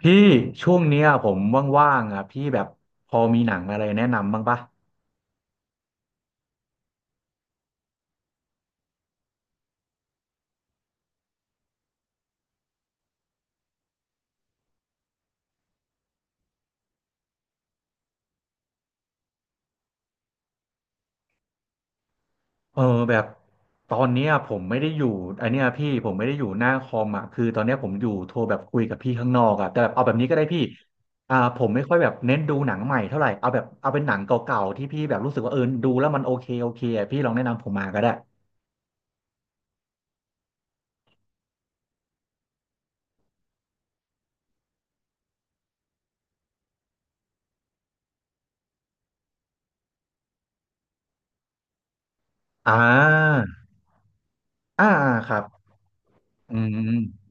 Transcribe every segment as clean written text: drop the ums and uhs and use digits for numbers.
พี่ช่วงเนี้ยผมว่างๆอ่ะพี่แบบพอมีหนังอะไรแนะนำบ้างปะเออแบบตอนเนี้ยผมไม่ได้อยู่ไอนเนี้ยพี่ผมไม่ได้อยู่หน้าคอมอ่ะคือตอนเนี้ยผมอยู่โทรแบบคุยกับพี่ข้างนอกอ่ะแต่แบบเอาแบบนี้ก็ได้พี่ผมไม่ค่อยแบบเน้นดูหนังใหม่เท่าไหร่เอาแบบเอาเป็นหนังเก่าๆที่พี่แบบรู้สึกว่าเออดูแล้วมันโอเคโอเคอ่ะพี่ลองแนะนำผมมาก็ได้อ่าอ่าครับอืม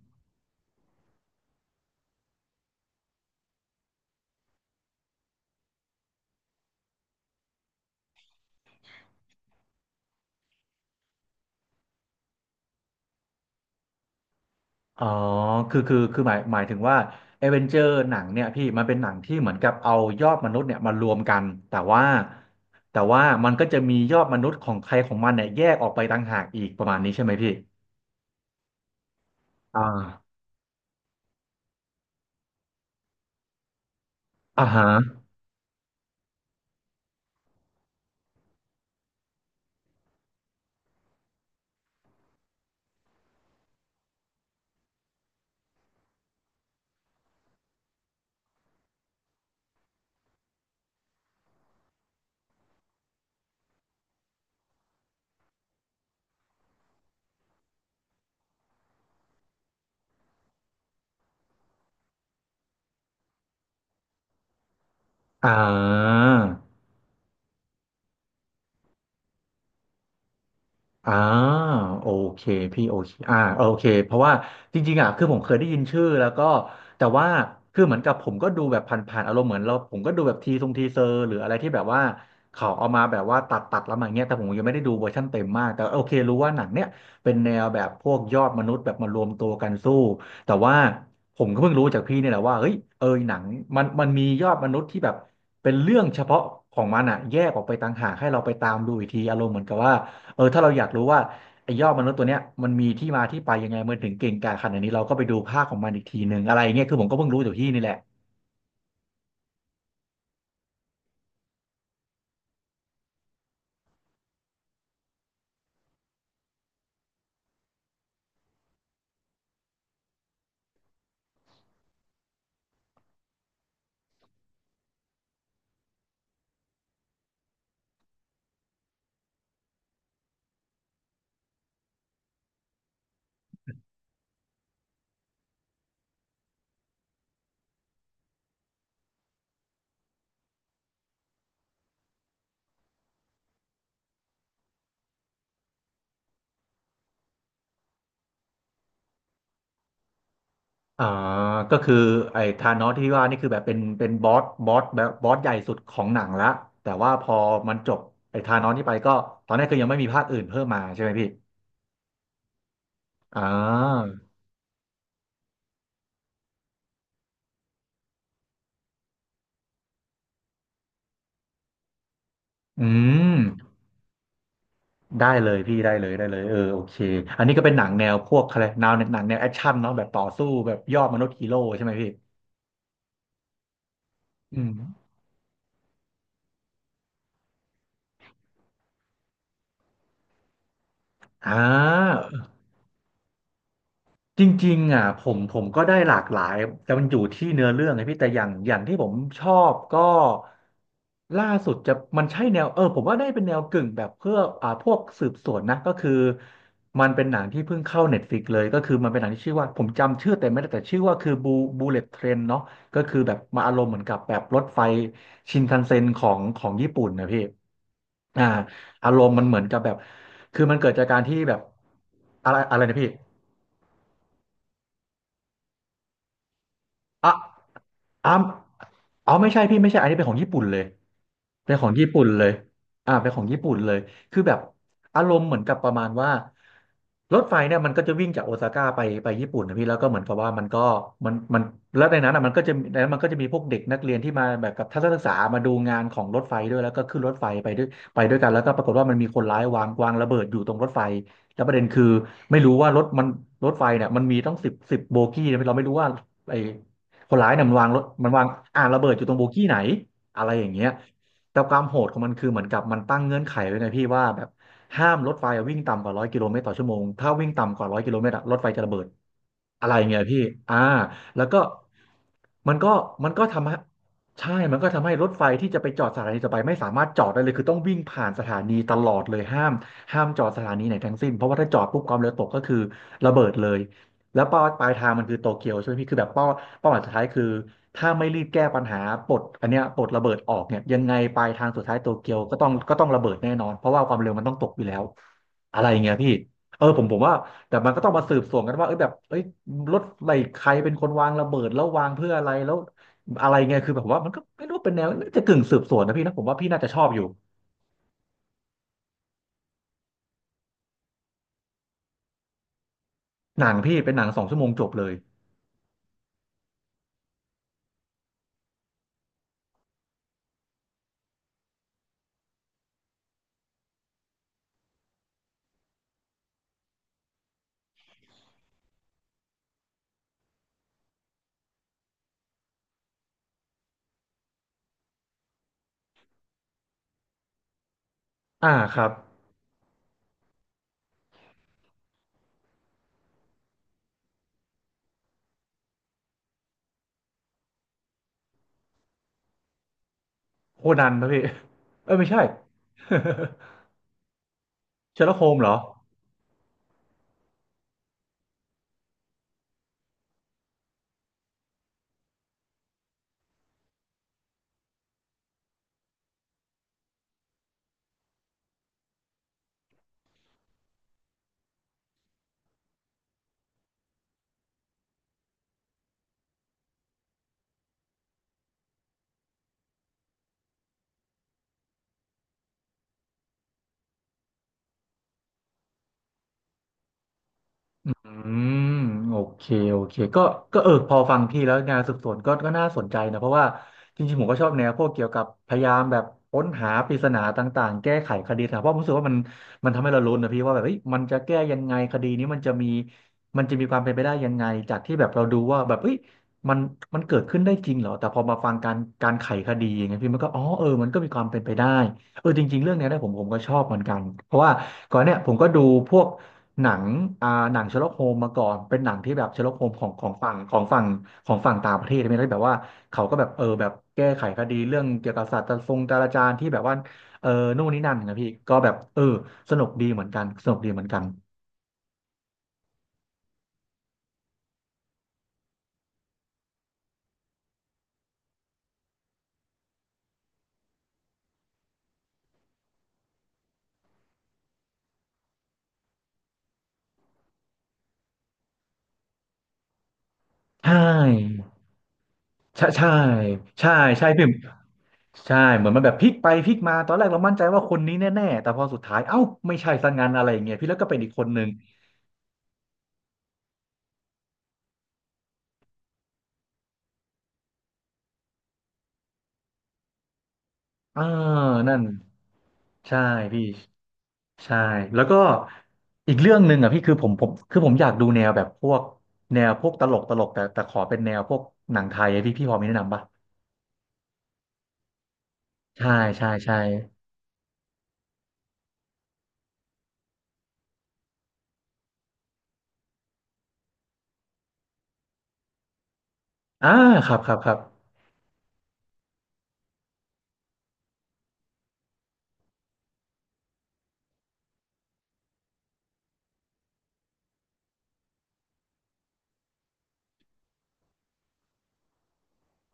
อ๋อคือหมายถึงว่าเอเวนเจอร์หนังเนี่ยพี่มันเป็นหนังที่เหมือนกับเอายอดมนุษย์เนี่ยมารวมกันแต่ว่ามันก็จะมียอดมนุษย์ของใครของมันเนี่ยแยกออกไปต่างหากอีกประมาณนี้ใช่ไหมพี่อ่าอ่าฮะอ่า อ่าโอเคพี่โอเคโอเคเพราะว่าจริงๆอ่ะคือผมเคยได้ยินชื่อแล้วก็แต่ว่าคือเหมือนกับผมก็ดูแบบผ่านๆอารมณ์เหมือนเราผมก็ดูแบบทีทรงทีเซอร์หรืออะไรที่แบบว่าเขาเอามาแบบว่าตัดแล้วมาอย่างเงี้ยแต่ผมยังไม่ได้ดูเวอร์ชั่นเต็มมากแต่โอเครู้ว่าหนังเนี้ยเป็นแนวแบบพวกยอดมนุษย์แบบมารวมตัวกันสู้แต่ว่าผมก็เพิ่งรู้จากพี่เนี่ยแหละว่าเฮ้ยเออหนังมันมียอดมนุษย์ที่แบบเป็นเรื่องเฉพาะของมันอ่ะแยกออกไปต่างหากให้เราไปตามดูอีกทีอารมณ์เหมือนกับว่า เออถ้าเราอยากรู้ว่าไอ้ยอดมนุษย์ตัวเนี้ยมันมีที่มาที่ไปยังไงมันถึงเก่งกาจขนาดนี้เราก็ไปดูภาคของมันอีกทีหนึ่งอะไรเงี้ยคือผมก็เพิ่งรู้จากที่นี่แหละอ่าก็คือไอ้ธานอสที่ว่านี่คือแบบเป็นบอสแบบบอสใหญ่สุดของหนังละแต่ว่าพอมันจบไอ้ธานอสที่ไปก็ตอนแรกก็ยังไม่มีภาคอื่นเพิ่มมาใช่ไหมพี่อ่าอืมได้เลยพี่ได้เลยได้เลยเออโอเคอันนี้ก็เป็นหนังแนวพวกอะไรแนวหนังแนวแอคชั่นเนาะแบบต่อสู้แบบยอดมนุษย์ฮีโร่ใช่ไหมพี่อืมอ่า จริงๆอ่ะผมก็ได้หลากหลายแต่มันอยู่ที่เนื้อเรื่องไงพี่แต่อย่างที่ผมชอบก็ล่าสุดจะมันใช่แนวเออผมว่าได้เป็นแนวกึ่งแบบเพื่อพวกสืบสวนนะก็คือมันเป็นหนังที่เพิ่งเข้าเน็ตฟลิกเลยก็คือมันเป็นหนังที่ชื่อว่าผมจำชื่อแต่ไม่ได้แต่ชื่อว่าคือบูเลตเทรนเนาะก็คือแบบมาอารมณ์เหมือนกับแบบรถไฟชินคันเซ็นของญี่ปุ่นนะพี่อ่าอารมณ์มันเหมือนกับแบบคือมันเกิดจากการที่แบบอะไรอะไรนะพี่อ่ะ อ้าวอ๋อไม่ใช่พี่ไม่ใช่อันนี้เป็นของญี่ปุ่นเลยเป็นของญี่ปุ่นเลยเป็นของญี่ปุ่นเลยคือแบบอารมณ์เหมือนกับประมาณว่ารถไฟเนี่ยมันก็จะวิ่งจากโอซาก้าไปญี่ปุ่นนะพี่แล้วก็เหมือนกับว่ามันก็มันมันแล้วในนั้นอ่ะมันก็จะในนั้นมันก็จะมีพวกเด็กนักเรียนที่มาแบบกับทัศนศึกษามาดูงานของรถไฟด้วยแล้วก็ขึ้นรถไฟไปด้วยไปด้วยกันแล้วก็ปรากฏว่ามันมีคนร้ายวางระเบิดอยู่ตรงรถไฟแล้วประเด็นคือไม่รู้ว่ารถไฟเนี่ยมันมีต้องสิบโบกี้นะเราไม่รู้ว่าไอ้ คนร้ายเนี่ยมันวางอ่าระเบิดอยู่ตรงโบกี้ไหนอะไรอย่างเงี้ยแต่ความโหดของมันคือเหมือนกับมันตั้งเงื่อนไขไว้ไงพี่ว่าแบบห้ามรถไฟวิ่งต่ำกว่า100 กิโลเมตรต่อชั่วโมงถ้าวิ่งต่ำกว่าร้อยกิโลเมตรอะรถไฟจะระเบิดอะไรเงี้ยพี่อ่าแล้วก็มันก็ทำให้ใช่มันก็ทำให้รถไฟที่จะไปจอดสถานีต่อไปไม่สามารถจอดได้เลยคือต้องวิ่งผ่านสถานีตลอดเลยห้ามจอดสถานีไหนทั้งสิ้นเพราะว่าถ้าจอดปุ๊บความเร็วตกก็คือระเบิดเลย แล้วเป้าปลายทางมันคือโตเกียวใช่ไหมพี่คือแบบเป้าหมายสุดท้ายคือถ้าไม่รีบแก้ปัญหาปลดอันเนี้ยปลดระเบิดออกเนี่ยยังไงปลายทางสุดท้ายโตเกียวก็ต้องระเบิดแน่นอนเพราะว่าความเร็วมันต้องตกอยู่แล้วอะไรอย่างเงี้ยพี่ผมว่าแต่มันก็ต้องมาสืบสวนกันว่าเอ้ยแบบเอ้ยรถอะไรใครเป็นคนวางระเบิดแล้ววางเพื่ออะไรแล้วอะไรเงี้ยคือแบบผมว่ามันก็ไม่รู้เป็นแนวน่าจะกึ่งสืบสวนนะพี่นะผมว่าพี่น่าจะชอบอยู่หนังพี่เป็นหนัง2 ชั่วโมงจบเลยอ่าครับโคนันนะพี่อไม่ใช่ เชอร์ล็อกโฮมเหรอ อืมโอเคโอเคก็เออพอฟังพี่แล้วงานสืบสวนก็น่าสนใจนะเพราะว่าจริงๆผมก็ชอบแนวพวกเกี่ยวกับพยายามแบบค้นหาปริศนาต่างๆแก้ไขคดีนะเพราะผมรู้สึกว่ามันทำให้เราลุ้นนะพี่ว่าแบบเฮ้ยมันจะแก้ยังไงคดีนี้มันจะมีความเป็นไปได้ยังไงจากที่แบบเราดูว่าแบบเฮ้ยมันมันเกิดขึ้นได้จริงเหรอแต่พอมาฟังการไขคดีอย่างเงี้ยพี่มันก็อ๋อเออมันก็มีความเป็นไปได้เออจริงๆเรื่องเนี้ยนะผมก็ชอบเหมือนกันเพราะว่าก่อนเนี่ยผมก็ดูพวก หนังหนังเชอร์ล็อกโฮมมาก่อนเป็นหนังที่แบบเชอร์ล็อกโฮมของฝั่งของฝั่งต่างประเทศไช่ไหมแล้วแบบว่าเขาก็แบบเออแบบแก้ไขคดีเรื่องเกี่ยวกับศาสตร์ทรงจราจารย์ที่แบบว่าเออนู่นนี่นั่นนะพี่ก็แบบเออสนุกดีเหมือนกันสนุกดีเหมือนกันใช่ใช่ใช่ใช่ใช่พี่ใช่เหมือนมันแบบพลิกไปพลิกมาตอนแรกเรามั่นใจว่าคนนี้แน่ๆแต่พอสุดท้ายเอ้าไม่ใช่ซะงั้นอะไรอย่างเงี้ยพี่แล้วก็เป็นอีกคนนึงอ่านั่นใช่พี่ ใช่แล้วก็อีกเรื่องหนึ่งอ่ะพี่คือผมอยากดูแนวแบบพวกแนวพวกตลกตลกแต่ขอเป็นแนวพวกหนังไทยอะพี่พอมีแนะนำปะใช่ใช่ใช่อ่าครับครับครับ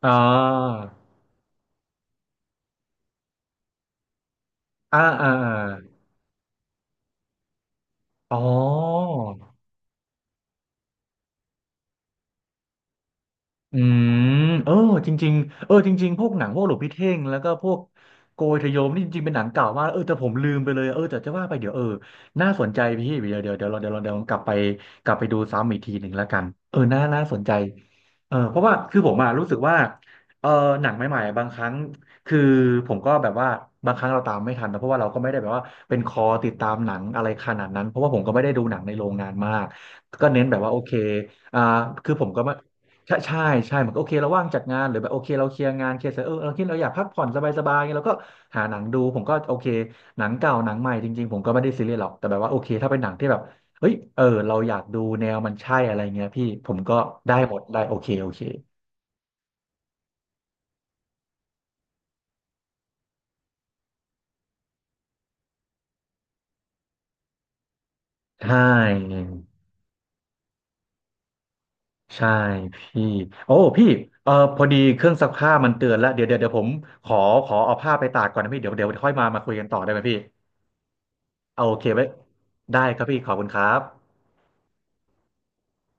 อ่าอ่าอ่าอาอ๋อ อืมเออจริงๆเออจริงๆพวกหนังพวกหลวงพี่เท่งแล้วก็พวกโกยทะโยมนี่จริงๆเป็นหนังเก่ามากเออแต่ผมลืมไปเลยเออแต่จะว่าไปเดี๋ยวเออน่าสนใจพี่เดี๋ยวเดี๋ยวเดี๋ยวเราเดี๋ยวเราเดี๋ยวเรากลับไปกลับไปดูซ้ำอีกทีหนึ่งแล้วกันเออน่าสนใจเออเพราะว่าคือผมอะรู้สึกว่าเออหนังใหม่ๆอะบางครั้งคือผมก็แบบว่าบางครั้งเราตามไม่ทันนะเพราะว่าเราก็ไม่ได้แบบว่าเป็นคอติดตามหนังอะไรขนาดนั้นเพราะว่าผมก็ไม่ได้ดูหนังในโรงงานมากก็เน้นแบบว่าโอเคอ่าคือผมก็ ใช่ใช่ใช่มันก็โอเคเราว่างจากงานหรือแบบโอเคเราเคลียร์งานเคลียร์เสร็จเออเราคิดเราอยากพักผ่อนสบายๆไงเราก็หาหนังดูผมก็โอเคหนังเก่าหนังใหม่จริงๆผมก็ไม่ได้ซีเรียสหรอกแต่แบบว่าโอเคถ้าเป็นหนังที่แบบเฮ้ยเออเราอยากดูแนวมันใช่อะไรเงี้ยพี่ผมก็ได้หมดได้โอเคโอเคใช่ใช่พี่โอ้พี่เออพอดีเครื่องซักผ้ามันเตือนแล้วเดี๋ยวผมขอขอเอาผ้าไปตากก่อนนะพี่เดี๋ยวค่อยมาคุยกันต่อได้ไหมพี่เอาโอเคไว้ได้ครับพี่ขอบคุณครับ